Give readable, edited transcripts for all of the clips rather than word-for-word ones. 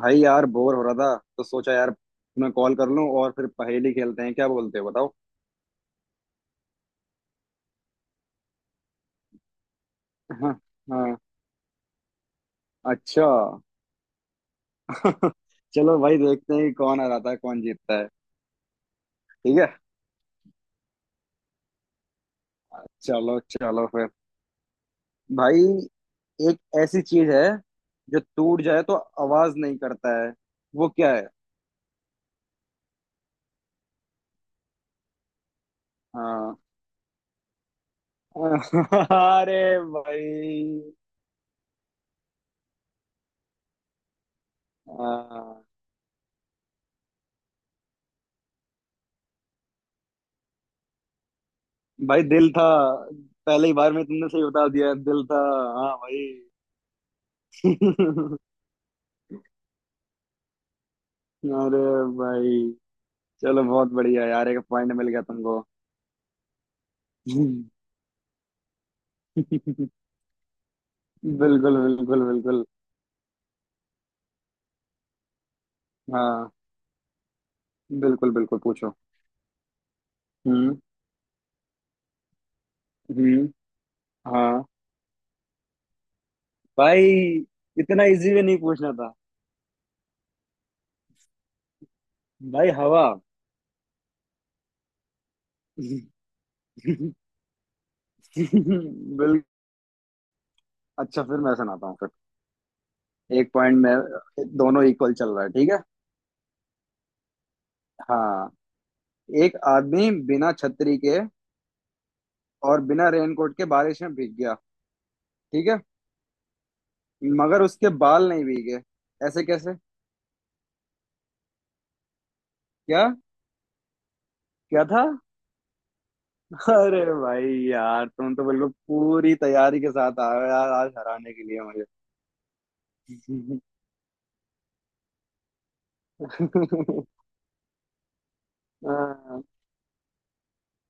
भाई यार बोर हो रहा था तो सोचा यार तुम्हें कॉल कर लूं और फिर पहेली खेलते हैं। क्या बोलते हो बताओ। हाँ। हाँ। अच्छा। चलो भाई देखते हैं कि कौन हराता है कौन जीतता है। ठीक है। चलो चलो फिर। भाई एक ऐसी चीज है जो टूट जाए तो आवाज नहीं करता है। वो क्या है? हाँ। अरे भाई। हाँ। भाई दिल था। पहले ही बार में तुमने सही बता दिया, दिल था। हाँ। भाई। अरे भाई। चलो बहुत बढ़िया यार, 1 पॉइंट मिल गया तुमको। बिल्कुल बिल्कुल बिल्कुल। हाँ। बिल्कुल बिल्कुल पूछो। हम्म। हम्म। हाँ। भाई इतना इजी में नहीं पूछना था। भाई हवा। बिल। अच्छा फिर मैं सुनाता हूँ फिर। 1 पॉइंट में दोनों इक्वल चल रहा है, ठीक है। हाँ। एक आदमी बिना छतरी के और बिना रेनकोट के बारिश में भीग गया। ठीक है। मगर उसके बाल नहीं भीगे। ऐसे कैसे? क्या? क्या था? अरे भाई यार, तुम तो बिल्कुल पूरी तैयारी के साथ आए हो यार, आज हराने के लिए मुझे। हाँ।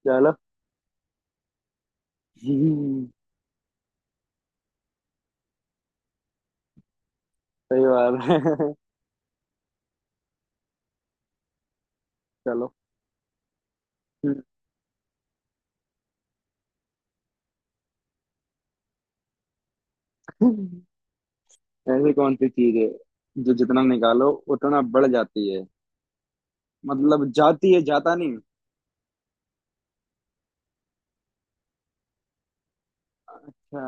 चलो। हम्म। सही बात है। चलो। हम्म। ऐसी कौन सी चीज है जो जितना निकालो उतना बढ़ जाती है? मतलब जाती है, जाता नहीं। अच्छा।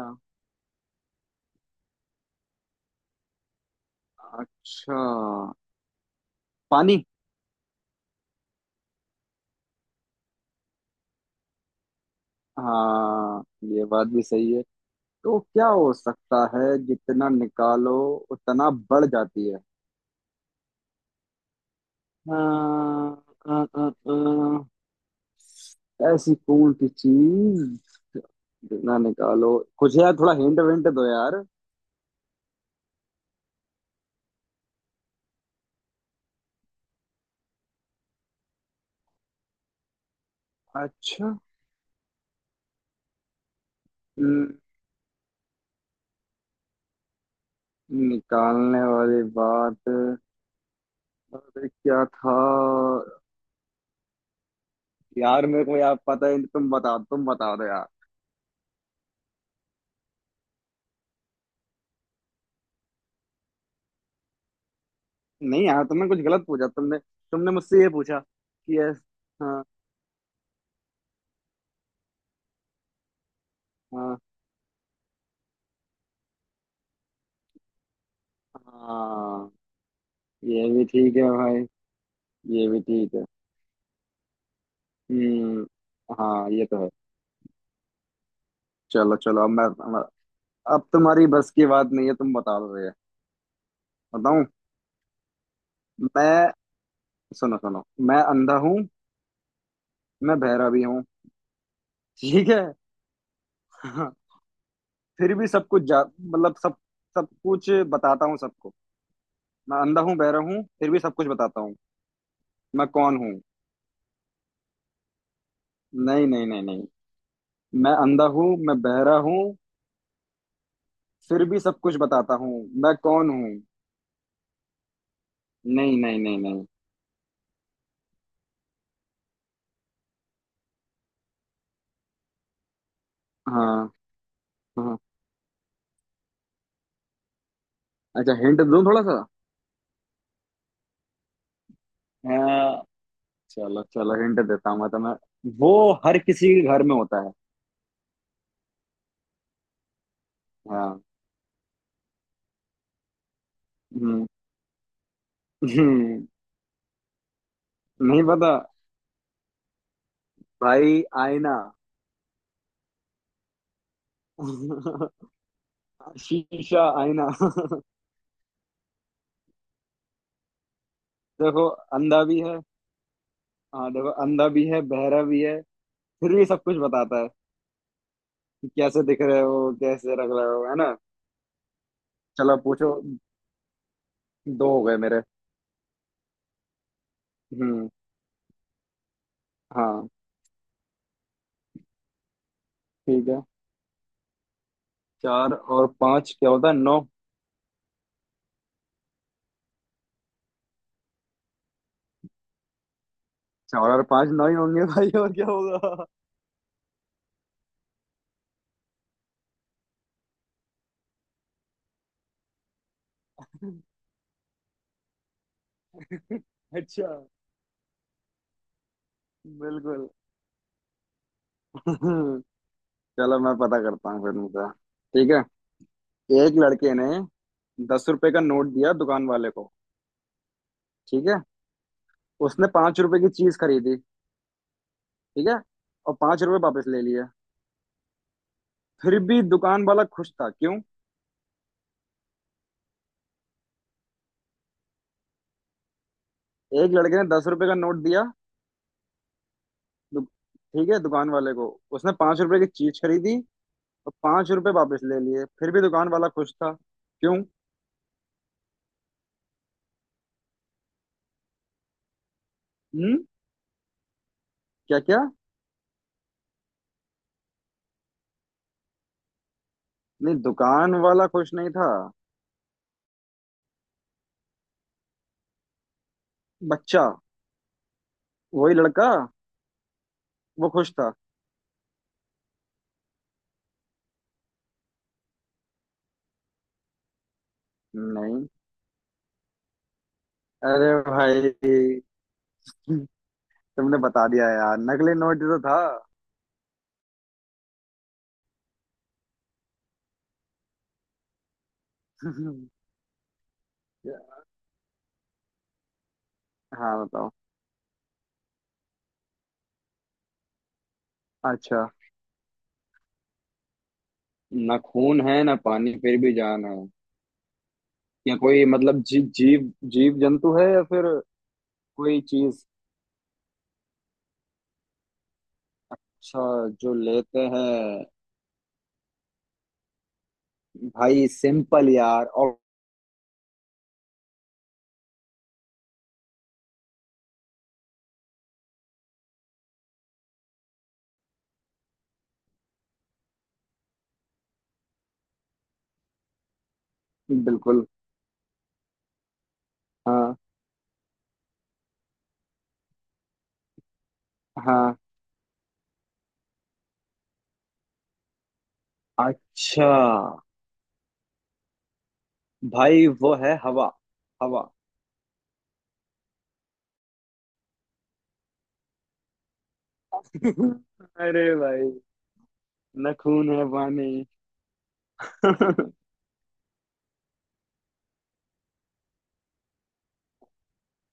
अच्छा। पानी। हाँ ये बात भी सही है। तो क्या हो सकता है जितना निकालो उतना बढ़ जाती है? अ, अ, अ, अ, ऐसी कौन सी चीज ना निकालो। कुछ यार थोड़ा हिंट विंट दो यार। अच्छा। हम्म। निकालने वाली बात। अरे क्या था? यार मेरे को यार पता है, तुम बता दो यार। नहीं यार, तुमने कुछ गलत पूछा। तुमने तुमने मुझसे ये पूछा कि यस। हाँ। हाँ। हाँ ये भी ठीक है भाई। ये भी ठीक है। हम्म। हाँ ये तो है। चलो चलो अब मैं। मैं- अब तुम्हारी बस की बात नहीं है, तुम बता दो ये। बताऊं मैं? सुनो सुनो। मैं अंधा हूँ। मैं बहरा भी हूँ। ठीक है। हाँ। फिर भी सब कुछ जा मतलब सब सब कुछ बताता हूँ सबको। मैं अंधा हूँ, बहरा हूँ, फिर भी सब कुछ बताता हूँ। मैं कौन हूँ? नहीं नहीं नहीं नहीं। मैं अंधा हूँ, मैं बहरा हूँ, फिर भी सब कुछ बताता हूँ। मैं कौन हूँ? नहीं नहीं नहीं नहीं। हाँ। हाँ। अच्छा हिंट दूं थोड़ा सा? चलो चलो हिंट देता हूँ मैं तुम्हें। वो हर किसी के घर में होता है। हाँ। हम्म। हम्म। नहीं पता। भाई आईना। शीशा, आईना। देखो अंधा भी है। हाँ देखो, अंधा भी है बहरा भी है, फिर भी सब कुछ बताता है कि कैसे दिख रहे हो, कैसे रख रहे हो, है ना। चलो पूछो। दो हो गए मेरे। हम्म। हाँ। ठीक है। 4 और 5 क्या होता है? 9। 4 और 5, 9 ही होंगे भाई, और क्या होगा। अच्छा। बिल्कुल। हम्म। चलो मैं पता करता हूँ फिर मुझे। ठीक है। एक लड़के ने 10 रुपए का नोट दिया दुकान वाले को। ठीक है। उसने 5 रुपए की चीज खरीदी। ठीक है। और 5 रुपए वापस ले लिए, फिर भी दुकान वाला खुश था। क्यों? एक लड़के ने दस रुपए का नोट दिया। ठीक है दुकान वाले को। उसने पांच रुपए की चीज खरीदी और पांच रुपए वापस ले लिए, फिर भी दुकान वाला खुश था। क्यों? हम्म। क्या क्या। नहीं, दुकान वाला खुश नहीं था। बच्चा, वही लड़का, वो खुश था। नहीं। अरे भाई तुमने बता दिया यार, नकली नोट ही तो था। हाँ बताओ। अच्छा। ना खून है ना पानी फिर भी जान है। या कोई, मतलब जी, जीव जीव जंतु है या फिर कोई चीज? अच्छा, जो लेते हैं। भाई सिंपल यार, और? बिल्कुल। हाँ। हाँ। अच्छा। भाई वो है हवा। हवा। अरे भाई, ना खून है पानी।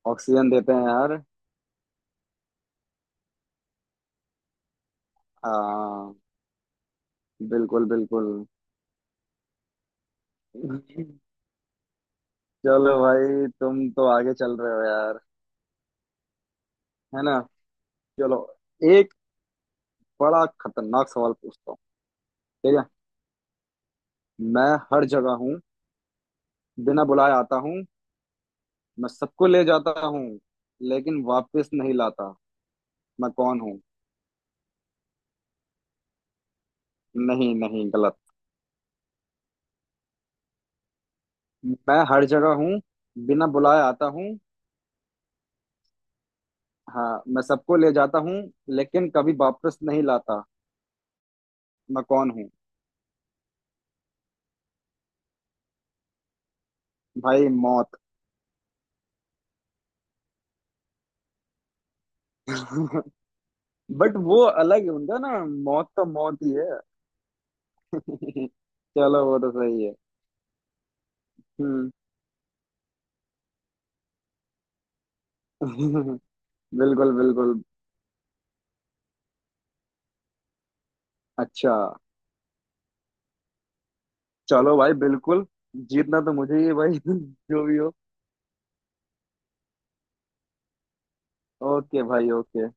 ऑक्सीजन देते हैं यार। हाँ। बिल्कुल बिल्कुल। चलो भाई तुम तो आगे चल रहे हो यार। है ना। चलो। एक बड़ा खतरनाक सवाल पूछता हूँ। ठीक है। मैं हर जगह हूँ। बिना बुलाए आता हूँ। मैं सबको ले जाता हूँ लेकिन वापस नहीं लाता। मैं कौन हूँ? नहीं नहीं, गलत। मैं हर जगह हूँ, बिना बुलाए आता हूँ। हाँ मैं सबको ले जाता हूँ लेकिन कभी वापस नहीं लाता। मैं कौन हूँ? भाई मौत। बट वो अलग है उनका ना, मौत तो मौत ही है। चलो वो तो सही है। हम्म। बिल्कुल बिल्कुल। अच्छा। चलो भाई बिल्कुल। जीतना तो मुझे ही है भाई। जो भी हो। ओके भाई, ओके।